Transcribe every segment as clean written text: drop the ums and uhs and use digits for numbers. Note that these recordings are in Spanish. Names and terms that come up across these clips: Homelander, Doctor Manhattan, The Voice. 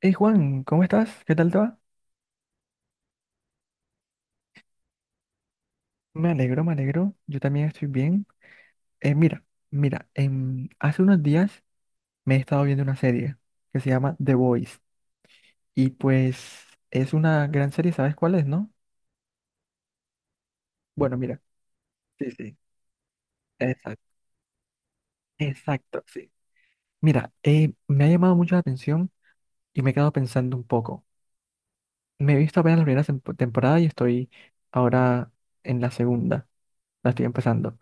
Hey Juan, ¿cómo estás? ¿Qué tal te va? Me alegro, me alegro. Yo también estoy bien. Eh, mira, mira, hace unos días me he estado viendo una serie que se llama The Voice y pues es una gran serie, ¿sabes cuál es, no? Bueno, mira. Sí, sí, exacto. Exacto, sí. Mira, me ha llamado mucho la atención y me he quedado pensando un poco. Me he visto apenas la primera temporada y estoy ahora en la segunda, la estoy empezando.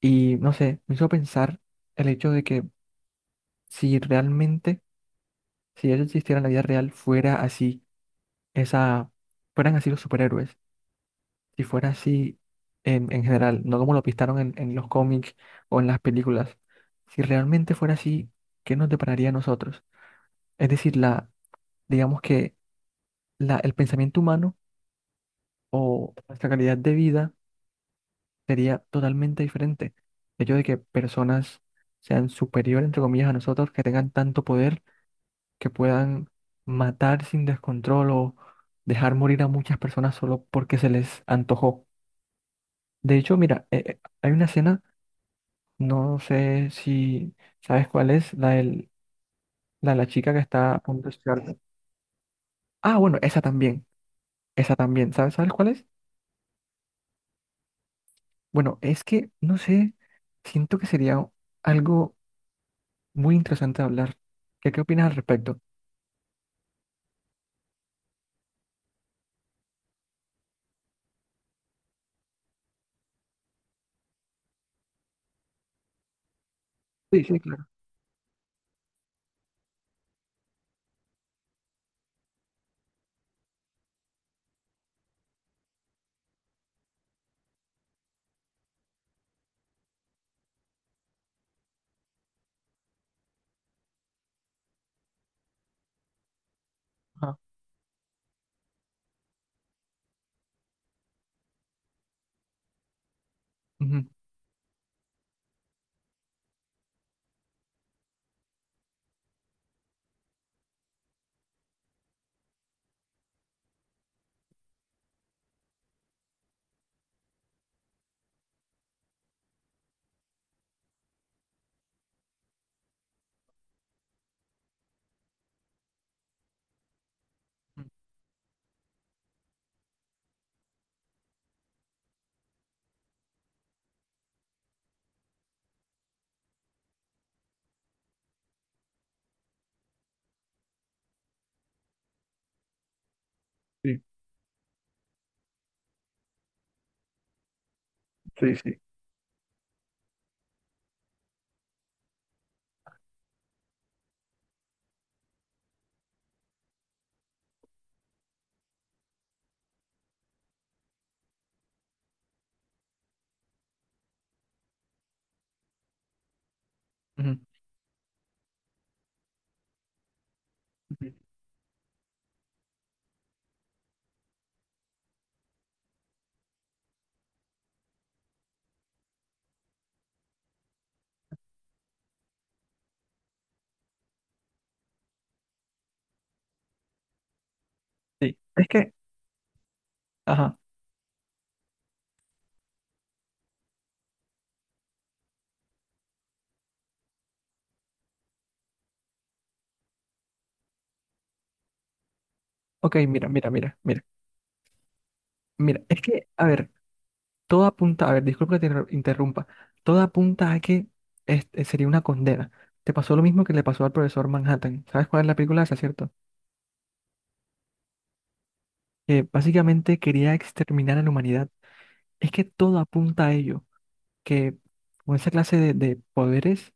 Y no sé, me hizo pensar el hecho de que si realmente Si eso existiera en la vida real, fuera así, esa, fueran así los superhéroes, si fuera así en general, no como lo pintaron en los cómics o en las películas, si realmente fuera así, ¿qué nos depararía a nosotros? Es decir, digamos que el pensamiento humano o nuestra calidad de vida sería totalmente diferente. El hecho de que personas sean superiores, entre comillas, a nosotros, que tengan tanto poder que puedan matar sin descontrol o dejar morir a muchas personas solo porque se les antojó. De hecho, mira, hay una escena, no sé si sabes cuál es, la de la chica que está a punto de suicidarse. Ah, bueno, esa también, ¿sabes cuál es? Bueno, es que, no sé, siento que sería algo muy interesante de hablar. ¿Qué, qué opinas al respecto? Sí, sí, claro. Ajá. Ujú. Sí, sí, sí. Ujú. Ujú. Sí. Es que, ajá. Ok, mira, mira, mira, mira, mira. Es que, a ver, todo apunta, a ver, disculpa que te interrumpa, todo apunta a que este sería una condena. Te pasó lo mismo que le pasó al profesor Manhattan. ¿Sabes cuál es la película esa, cierto? Que básicamente quería exterminar a la humanidad. Es que todo apunta a ello, que con esa clase de poderes...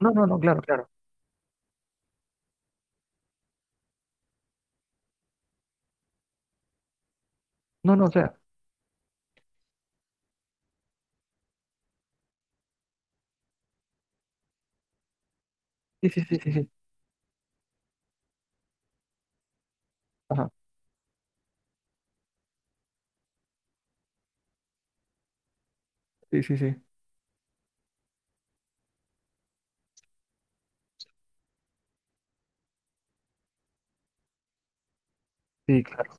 No, no, no, claro, claro. No, no, o sea, sí, sí, sí, sí, sí. Ajá, sí, sí, sí. Sí, claro,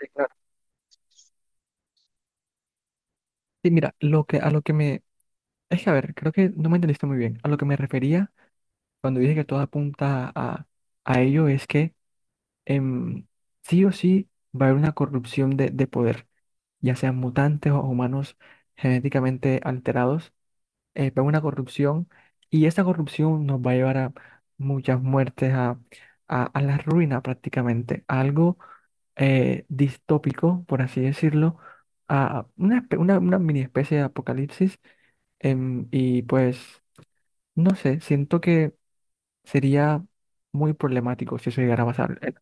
sí, claro. Sí, mira, a lo que me... Es que, a ver, creo que no me entendiste muy bien. A lo que me refería cuando dije que todo apunta a ello es que em, sí o sí va a haber una corrupción de poder, ya sean mutantes o humanos genéticamente alterados, va a haber una corrupción y esta corrupción nos va a llevar a muchas muertes, a la ruina prácticamente, a algo distópico, por así decirlo, a una mini especie de apocalipsis y pues no sé, siento sería muy problemático si eso llegara a pasar.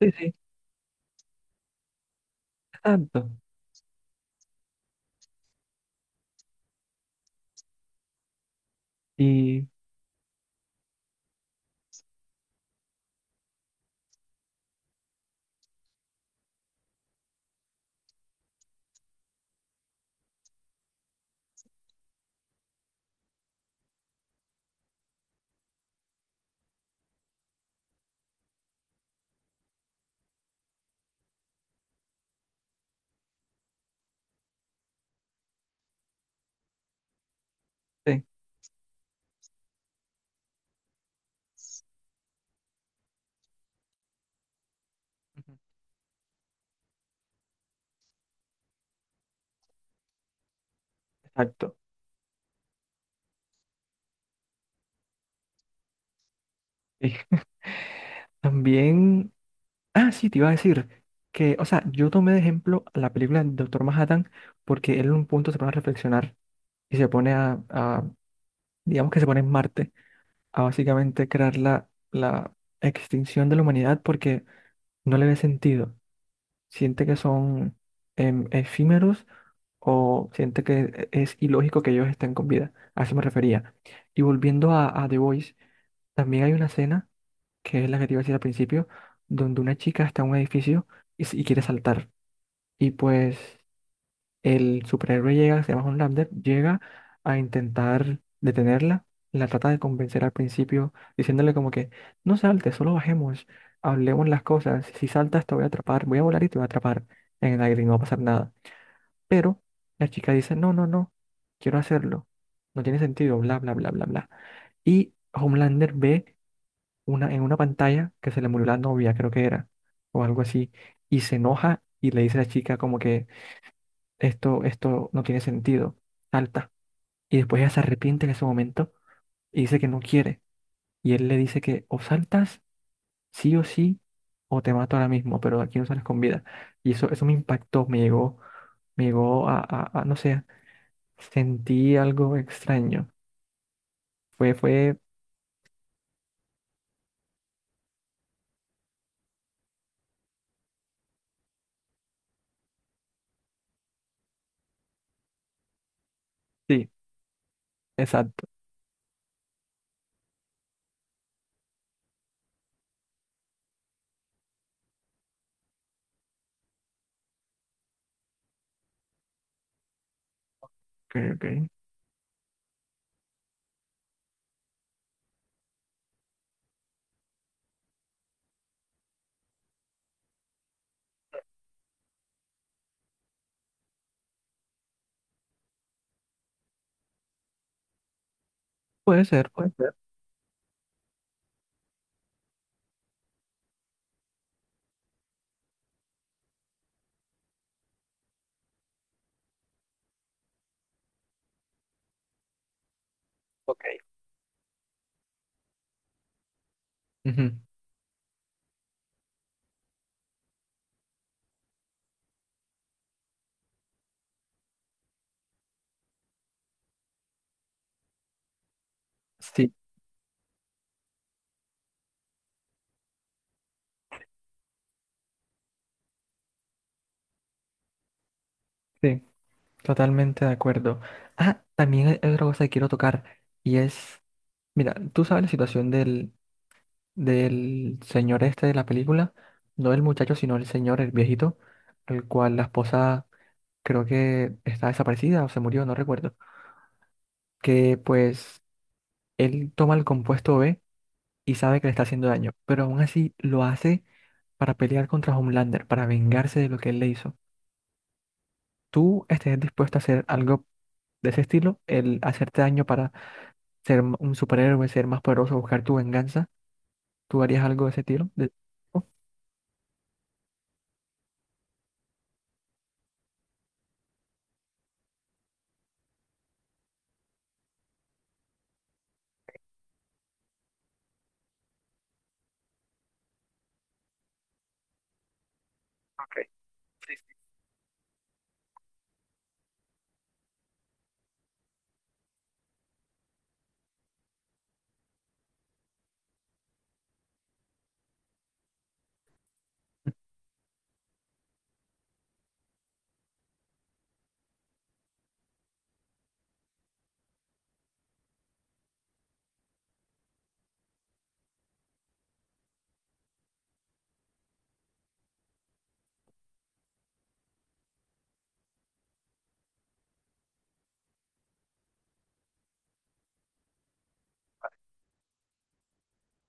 Sí, sí, exacto. Y sí, ujú, exacto. Y también, ah, sí, te iba a decir que, o sea, yo tomé de ejemplo la película del Doctor Manhattan porque él en un punto se pone a reflexionar y se pone digamos que se pone en Marte, a básicamente crear la, la extinción de la humanidad porque no le ve sentido. Siente que son efímeros o siente que es ilógico que ellos estén con vida. A eso me refería. Y volviendo a The Voice, también hay una escena, que es la que te iba a decir al principio, donde una chica está en un edificio y, y quiere saltar. Y pues el superhéroe llega, se llama Homelander, llega a intentar detenerla. La trata de convencer al principio, diciéndole como que, no saltes, solo bajemos, hablemos las cosas. Si saltas te voy a atrapar, voy a volar y te voy a atrapar en el aire y no va a pasar nada. Pero la chica dice, no, no, no, quiero hacerlo. No tiene sentido, bla, bla, bla, bla, bla. Y Homelander ve una, en una pantalla que se le murió la novia, creo que era, o algo así, y se enoja y le dice a la chica como que esto no tiene sentido, salta. Y después ella se arrepiente en ese momento y dice que no quiere. Y él le dice que o saltas sí o sí, o te mato ahora mismo, pero de aquí no sales con vida. Y eso me impactó, me llegó no sé, sentí algo extraño. Fue, sí, exacto. Ok, ok. Puede ser, puede ser. Ok. Ujú. Sí, sí, totalmente de acuerdo. Ah, también hay otra cosa que quiero tocar y es, mira, tú sabes la situación del señor este de la película, no el muchacho, sino el señor, el viejito, el cual la esposa creo que está desaparecida o se murió, no recuerdo, que pues él toma el compuesto B y sabe que le está haciendo daño, pero aún así lo hace para pelear contra Homelander, para vengarse de lo que él le hizo. ¿Tú estés dispuesto a hacer algo de ese estilo? El hacerte daño para ser un superhéroe, ser más poderoso, buscar tu venganza. ¿Tú harías algo de ese estilo? Oh, ok, sí,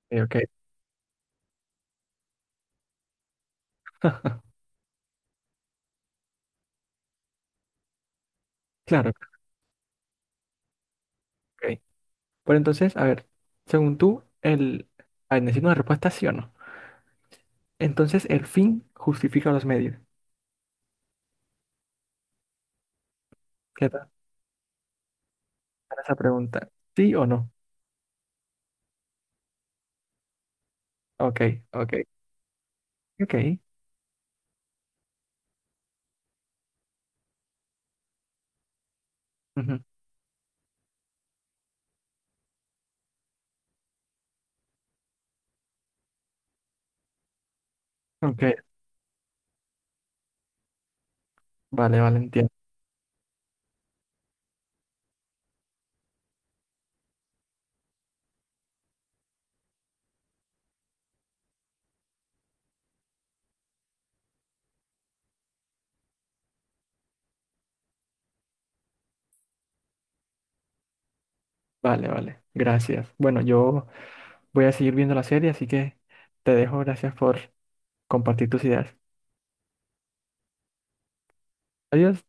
sí. Ok, ok. Claro, ok. Pero entonces, a ver, según tú, el... A ver, necesito una respuesta sí o no. Entonces, ¿el fin justifica los medios? ¿Qué tal para esa pregunta? ¿Sí o no? Ok, ok, ok. Ujú. Ok, vale, vale, entiendo. Vale, vale, gracias. Bueno, yo voy a seguir viendo la serie, así que te dejo. Gracias por compartir tus ideas. Adiós.